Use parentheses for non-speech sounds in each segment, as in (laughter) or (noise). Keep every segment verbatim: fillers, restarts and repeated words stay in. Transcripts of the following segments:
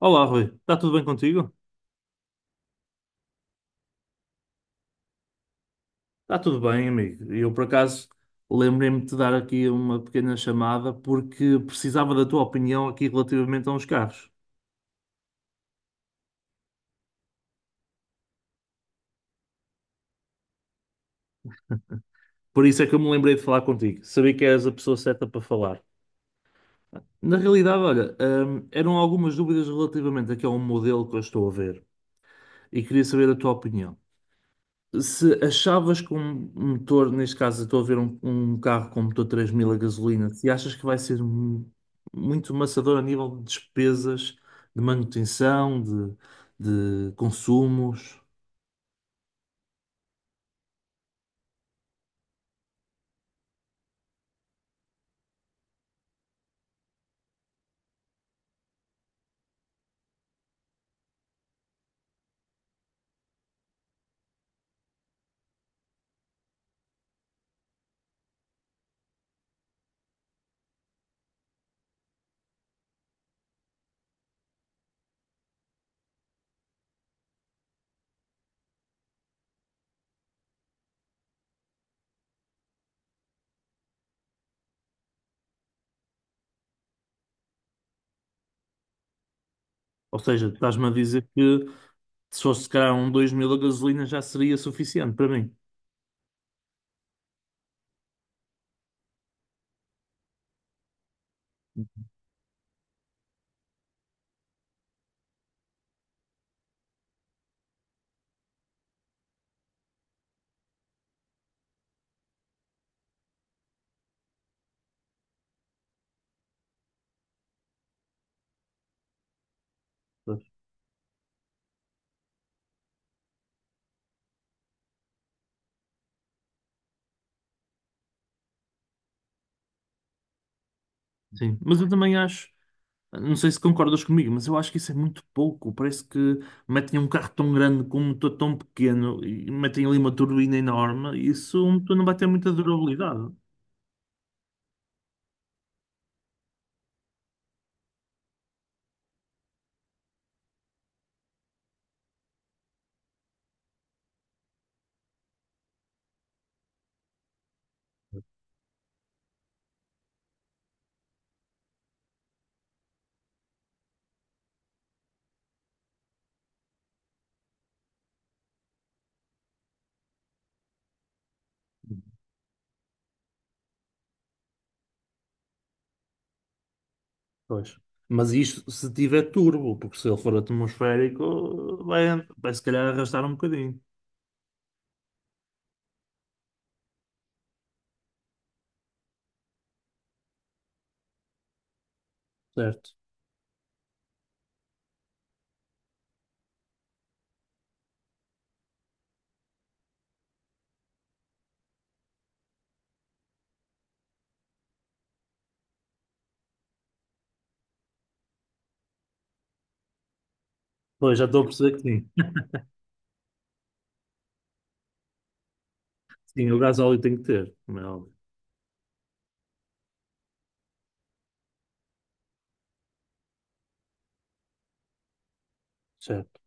Olá, Rui. Está tudo bem contigo? Está tudo bem, amigo. Eu, por acaso, lembrei-me de te dar aqui uma pequena chamada porque precisava da tua opinião aqui relativamente a uns carros. Por isso é que eu me lembrei de falar contigo. Sabia que eras a pessoa certa para falar. Na realidade, olha, hum, eram algumas dúvidas relativamente aqui a um modelo que eu estou a ver e queria saber a tua opinião. Se achavas que um um motor, neste caso, eu estou a ver um, um carro com motor três mil a gasolina, se achas que vai ser mu- muito maçador a nível de despesas, de manutenção, de, de consumos. Ou seja, estás-me a dizer que se fosse se calhar um dois mil a gasolina já seria suficiente para mim. Pois. Sim, mas eu também acho. Não sei se concordas comigo, mas eu acho que isso é muito pouco. Parece que metem um carro tão grande com um motor tão pequeno e metem ali uma turbina enorme. Isso um motor não vai ter muita durabilidade. Pois. Mas isto se tiver turbo, porque se ele for atmosférico vai, vai se calhar arrastar um bocadinho. Certo. Pois já estou a perceber que sim. Sim, o gasóleo tem que ter, como é óbvio. Certo.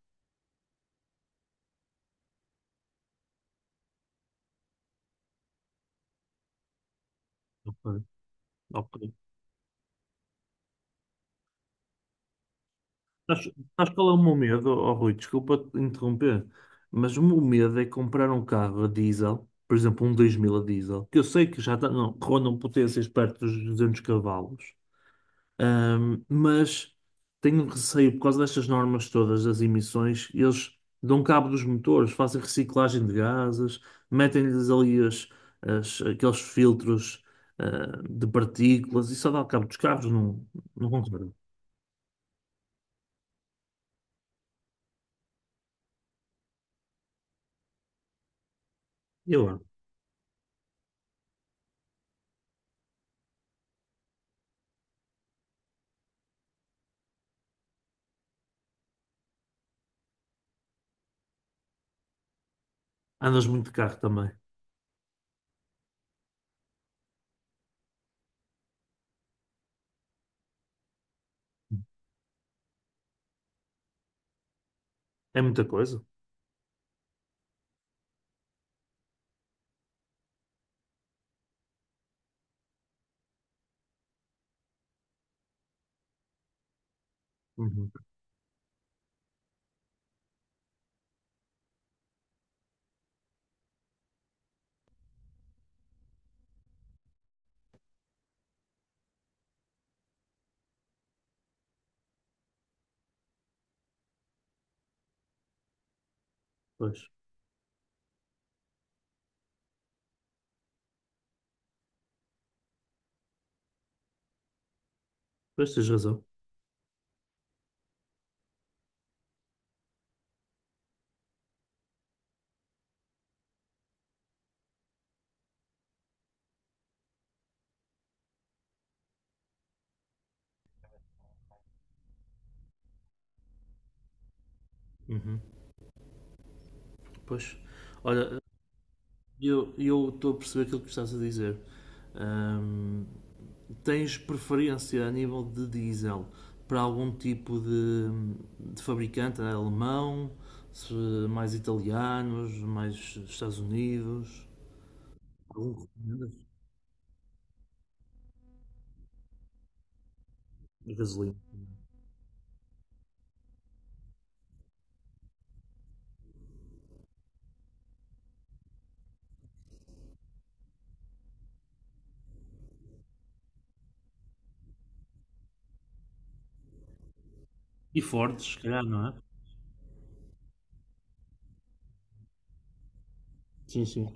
Ok, ok. Sabes sabes qual é o meu medo, oh, Rui? Desculpa te interromper, mas o meu medo é comprar um carro a diesel, por exemplo, um dois mil a diesel, que eu sei que já tá, não, rondam potências perto dos duzentos cavalos, ahm, mas tenho receio por causa destas normas todas das emissões. Eles dão cabo dos motores, fazem reciclagem de gases, metem-lhes ali as, as- aqueles filtros, ah, de partículas e só dá cabo dos carros, não, não concordo. E agora? Andas muito de carro também. É muita coisa. Uhum. Pois. Pois tens razão. Uhum. Pois. Olha, eu eu estou a perceber aquilo que estás a dizer. Ahm, tens preferência a nível de diesel para algum tipo de, de fabricante, né? Alemão, se- mais italianos, mais Estados Unidos? Algum que recomendas? Gasolina. E Ford, se calhar, não é? Sim, sim.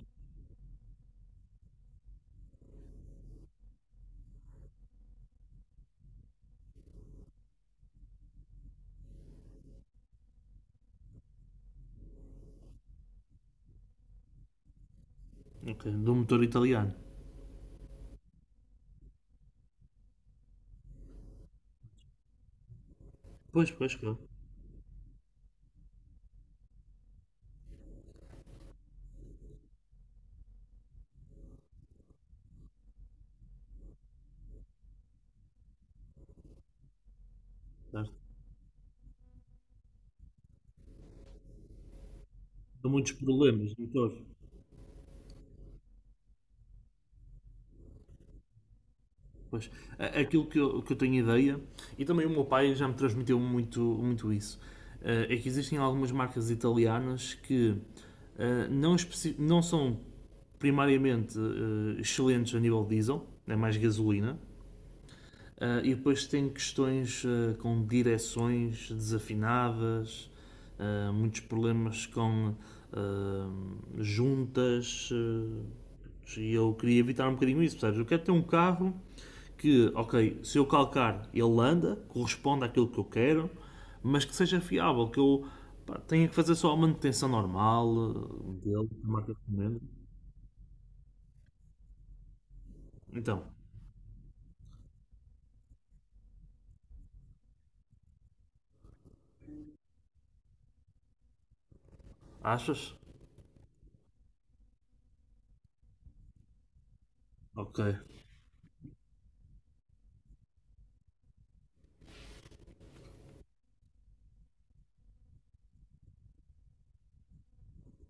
Ok. Do motor italiano. Pois, pois, claro. Certo. Há muitos problemas, doutor. Pois, aquilo que eu, que eu tenho ideia, e também o meu pai já me transmitiu muito, muito isso, eh, é que existem algumas marcas italianas que eh, não, especi- não são primariamente eh, excelentes a nível diesel, é mais gasolina. Ah, e depois tem questões ah, com direções desafinadas, ah, muitos problemas com ah, juntas. Ah, e eu queria evitar um bocadinho isso, percebes? Eu quero ter um carro que, ok, se eu calcar ele anda, corresponde àquilo que eu quero, mas que seja fiável, que eu pá, tenha que fazer só a manutenção normal ah, dele, que a marca recomenda. Então, achas? Ok.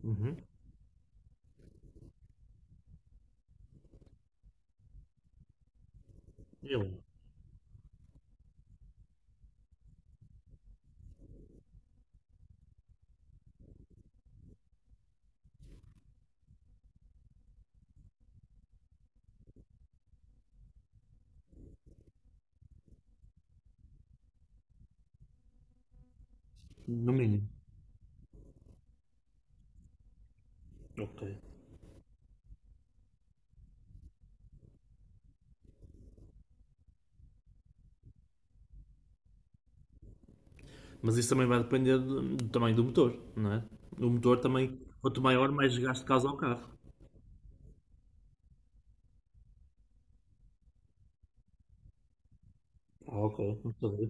Uhum. Eu, no mínimo. Ok. Mas isso também vai depender do, do tamanho do motor, não é? O motor também, quanto maior, mais gasto causa ao carro. Ah, ok, não sabia.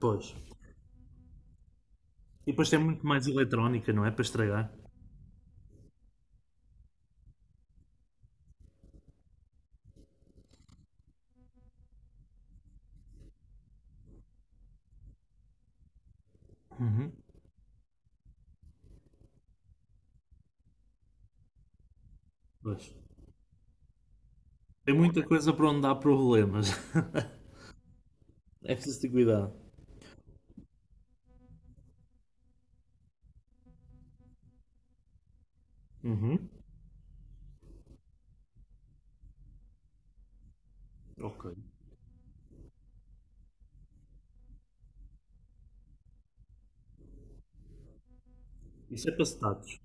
Pois. E depois tem muito mais eletrónica, não é? Para estragar. Uhum. Pois. Tem muita coisa para onde há problemas. (laughs) É preciso ter cuidado. Uhum. Ok. Isso é para status.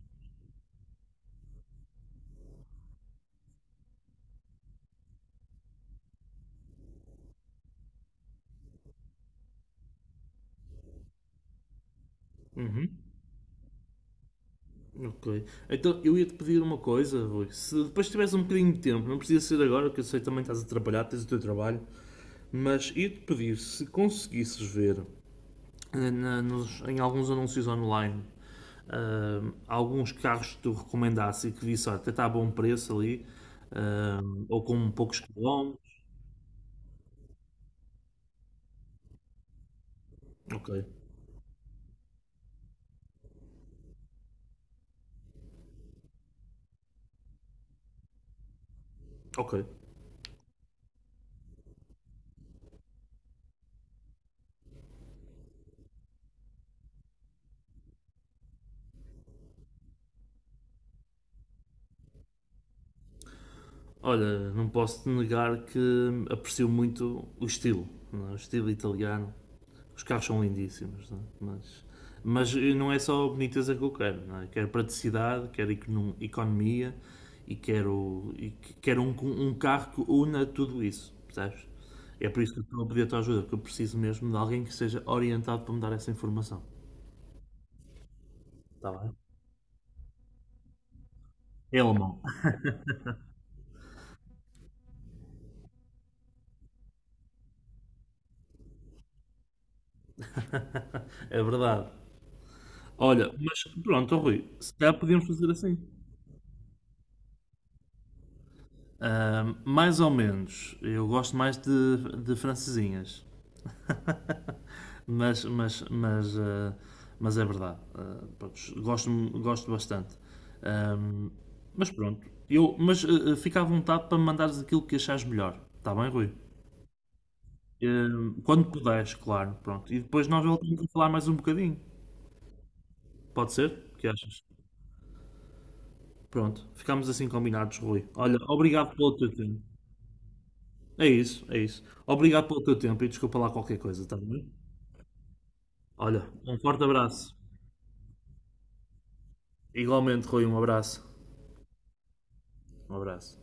Ok. Então eu ia-te pedir uma coisa, Rui. Se depois tivesse um bocadinho de tempo, não precisa ser agora, que eu sei que também estás a trabalhar, tens o teu trabalho, mas ia-te pedir se conseguisses ver na- nos- em alguns anúncios online, ahm, alguns carros que tu recomendasse e que visse: "Ah, até está a bom preço ali, ahm, ou com poucos quilómetros". Ok, ok. Olha, não posso te negar que aprecio muito o estilo, não é? O estilo italiano. Os carros são lindíssimos, não é? mas, mas não é só a boniteza que eu quero. Não é? Quero praticidade, quero econo- economia e quero, e que- quero um, um carro que una tudo isso, percebes? É por isso que eu estou a pedir a tua ajuda, porque eu preciso mesmo de alguém que seja orientado para me dar essa informação. Está bem? É alemão. (laughs) É verdade. Olha, mas pronto, Rui, se calhar podíamos fazer assim. Ahm, mais ou menos. Eu gosto mais de, de francesinhas. Mas, mas, mas, ah, mas é verdade. Ah, pronto, gosto, gosto bastante. Ahm, mas pronto. Eu, mas ah, ah, Fica à vontade para me mandares aquilo que achares melhor. Está bem, Rui? Ahm, quando puderes, claro. Pronto. E depois nós voltamos a falar mais um bocadinho. Pode ser? O que achas? Pronto. Ficamos assim combinados, Rui. Olha, obrigado pelo teu tempo. É isso, é isso. Obrigado pelo teu tempo e desculpa lá qualquer coisa, está bem? Olha, um forte abraço. Igualmente, Rui, um abraço. Um abraço.